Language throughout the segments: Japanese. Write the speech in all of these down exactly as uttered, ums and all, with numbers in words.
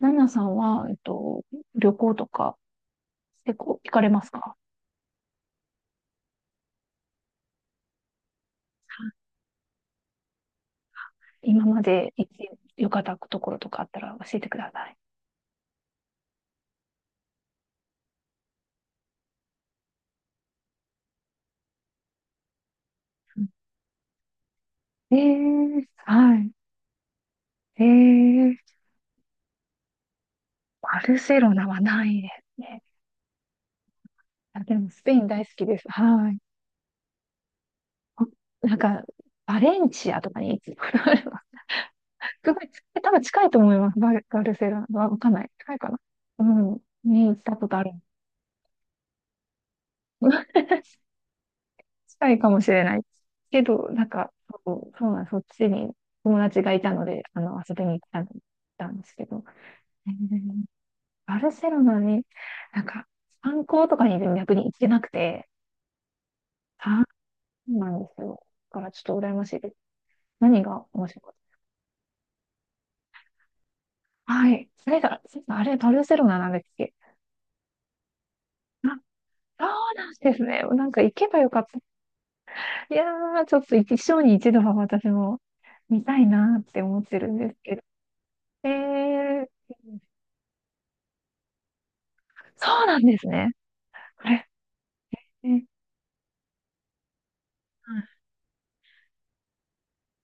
ナナさんは、えっと、旅行とか結構行かれますか？今まで行ってよかったところとかあったら教えてください。えー、はい。えー、バルセロナはないですね。あ、でもスペイン大好きです。はい。あ、なんか、バレンチアとかに行くことあれば、すごい、多分近いと思います。バル、バルセロナはわかんない。近いかな。うん。に行ったことある。近いかもしれない。けど、なんか、そう、そうなん、そっちに友達がいたので、あの、遊びに行ったんたんですけど、えー、バルセロナに、なんか、観光とかに逆に行ってなくて、そうなんですよ。だからちょっと羨ましいです。何が面白かった？はい。それが、それがあれ、バルセロナなんだっけ？あ、そうなんですね。なんか行けばよかった。いやー、ちょっと一生に一度は私も見たいなーって思ってるんですけど。えー、そうなんですね。あれ、え、はい。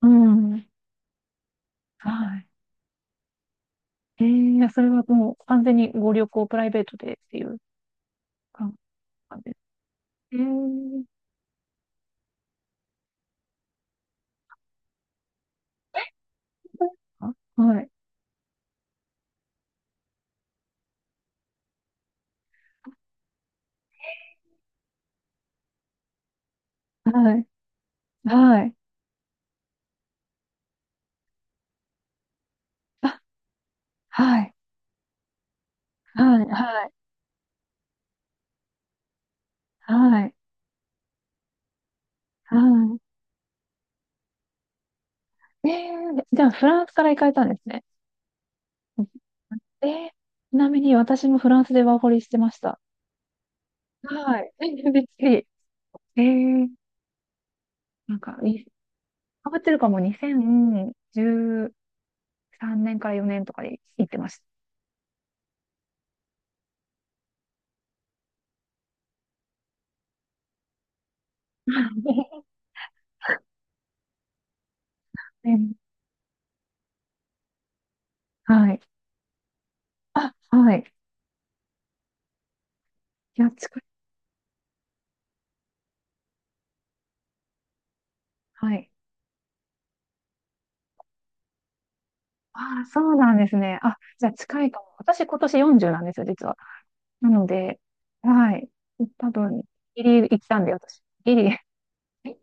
うん。はい。えー、いやそれはもう完全にご旅行プライベートでっていう感じです。えー、あ、はい。はい。はい。あ、はい。はい。はい。はい。はい。えー、じゃあフランスから行かれたんですね。えー、ちなみに私もフランスでワーホリしてました。はい。びっくり。えー、なんか、い、変わってるかも、にせんじゅう、さんねんからよねんとかで行ってました。うん。はい。あ、はい。いや、近い。はい。ああ、そうなんですね。あ、じゃあ近いかも。私今年よんじゅうなんですよ、実は。なので、はい。多分、ギリ行ったんで、私。ギリ。え、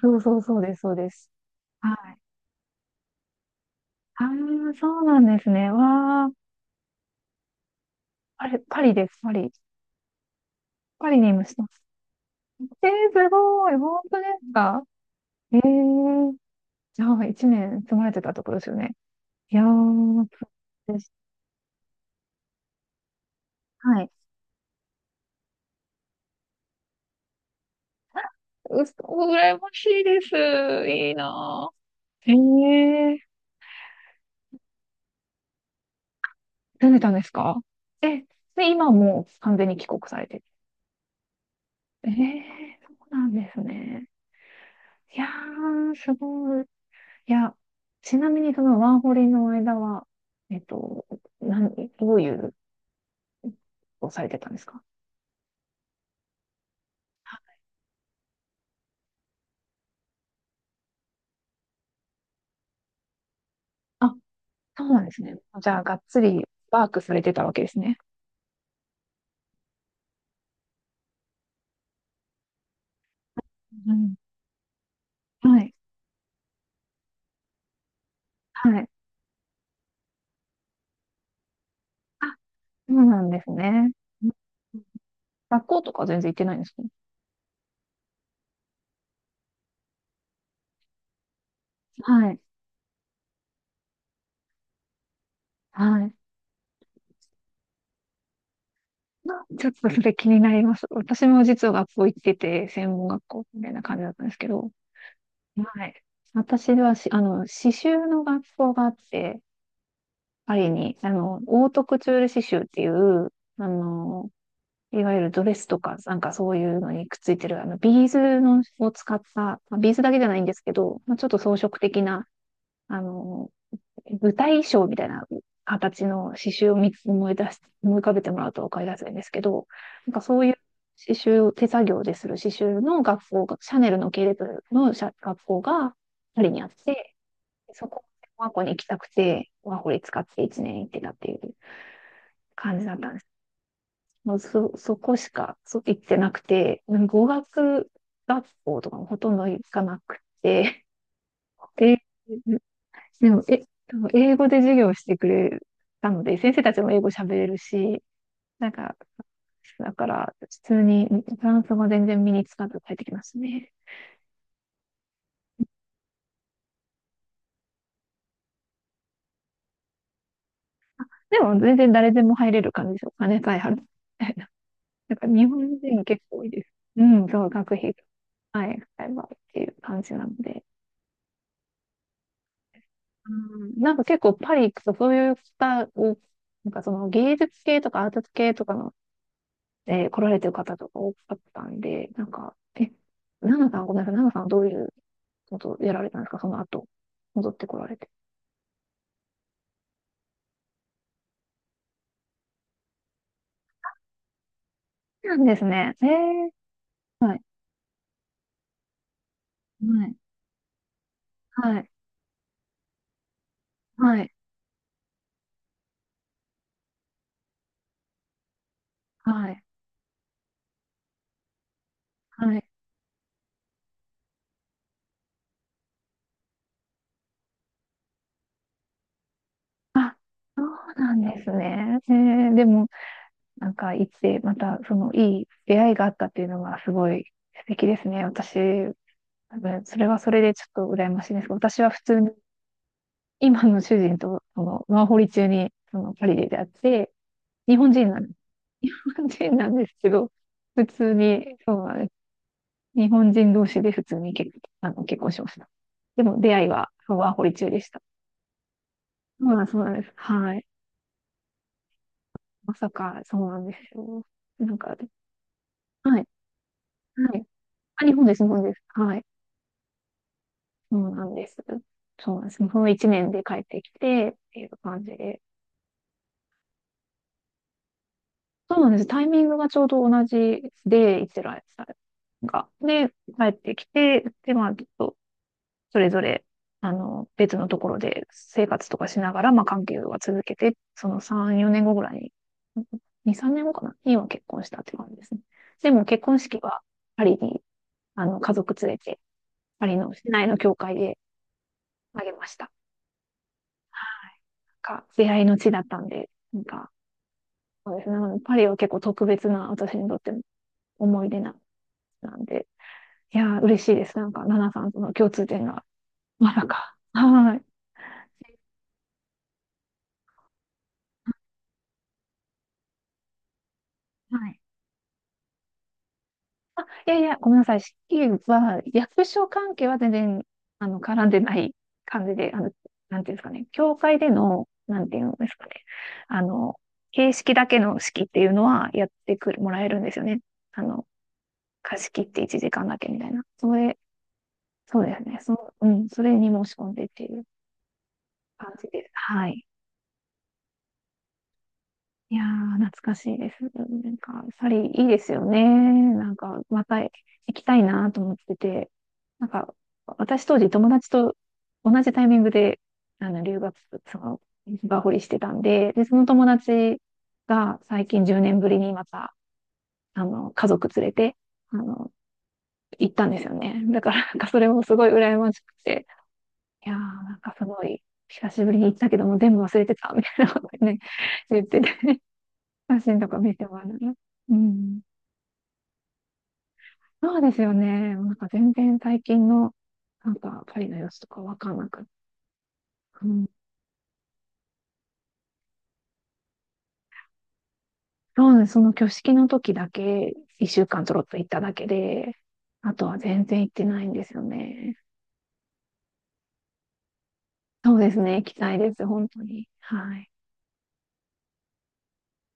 そうそうそうです、そうです。はい。ああ、そうなんですね。わあ、あれ、パリです、パリ。パリにいました。えー、すごい。本当ですか？ええー、じゃあ、いちねん住まれてたところですよね。いやー、そうです。はい。うそ、羨ましいです。いいなぁ。ええー、住んでたんですか？え、で、今もう完全に帰国されてる。ええー、そうなんですね。いやー、すごい。いや、ちなみにそのワーホリの間は、えっと、なん、どういうことをされてたんですか？あ、そうなんですね。じゃあ、がっつりワークされてたわけですね。うん。はい。はい。あ、そうなんですね。学校とか全然行ってないんですか？はい。はい。ちょっとそれ気になります。私も実は学校行ってて、専門学校みたいな感じだったんですけど、はい。私はし、あの、刺繍の学校があって、パリに、あの、オートクチュール刺繍っていう、あの、いわゆるドレスとか、なんかそういうのにくっついてる、あの、ビーズのを使った、まあビーズだけじゃないんですけど、まあ、ちょっと装飾的な、あの、舞台衣装みたいな形の刺繍を見つ思い出し、思い浮かべてもらうと分かりやすいんですけど、なんかそういう刺繍を手作業でする刺繍の学校が、シャネルの系列の社学校がパリにあって、そこ、ワーホリに行きたくて、ワーホリ使っていちねん行ってたっていう感じだったんです。もうそ、そこしかそ行ってなくて、語学学校とかもほとんど行かなくて、で、でも、え、でも英語で授業してくれたので、先生たちも英語喋れるし、なんか、だから、普通にフランス語全然身につかず帰ってきましたね。でも、全然誰でも入れる感じですよ。金さえ払ってみたいな。なんか、日本人結構多いです。うん、そう、学費、はい、使えばっていう感じなので。うん、なんか結構パリ行くとそういった、お、なんかその芸術系とかアート系とかので来られてる方とか多かったんで、なんか、え、ナナさん、ごめんなさい、ナナさんはどういうことをやられたんですか、その後、戻ってこられて。そうなんですね。えー、はい、はい、はい、はい、はい、はい。あ、そうなんですね。えー、でも、なんか、行って、また、その、いい出会いがあったっていうのが、すごい素敵ですね。私、多分、それはそれでちょっと羨ましいんですけど、私は普通に、今の主人と、その、ワーホリ中に、その、パリで出会って、日本人なんです。日本人なんですけど、普通に、そうなんです。日本人同士で普通に結、あの、結婚しました。でも出会いはワーホリ中でした。そうなん、そうなんです。はい。まさか、そうなんですよ。なんかね、はい、はい。あ、日本です、日本です。はい。そうなんです。そうなんです。そのいちねんで帰ってきて、っていう感じで。そうなんです。タイミングがちょうど同じで、イスラエルさんが。で、帰ってきて、で、まあ、ちょっとそれぞれ、あの、別のところで生活とかしながら、まあ、関係は続けて、そのさん、よねんごぐらいに、に、さんねんごかなには結婚したって感じですね。でも結婚式はパリに、あの、家族連れて、パリの市内の教会であげました。なんか、出会いの地だったんで、なんか、そうですね。なのでパリは結構特別な、私にとっての思い出な、なんで、いやー、嬉しいです。なんか、ナナさんとの共通点が、まさか。はーい。はい。あ、いやいや、ごめんなさい。四季は、役所関係は全然、あの、絡んでない感じで、あの、なんていうんですかね、教会での、なんていうんですかね、あの、形式だけの式っていうのはやってくる、もらえるんですよね。あの、貸し切っていちじかんだけみたいな。それ、そうですね。そ、うん、それに申し込んでっていう感じです。はい。いやー、懐かしいです。なんか、サリーいいですよね。なんか、また行きたいなと思ってて。なんか、私当時友達と同じタイミングで、あの、留学、その、バホリしてたんで、で、その友達が最近じゅうねんぶりにまた、あの、家族連れて、あの、行ったんですよね。だから、なんかそれもすごい羨ましくて。いやー、なんかすごい、久しぶりに行ったけども全部忘れてた、みたいなことね、言って写真とか見てもらうのね。うん。そうですよね。なんか全然最近の、なんかパリの様子とかわかんなくて。うん。そうです。その挙式の時だけ、いっしゅうかんちょろっと行っただけで、あとは全然行ってないんですよね。そうですね。行きたいです。本当に。はい。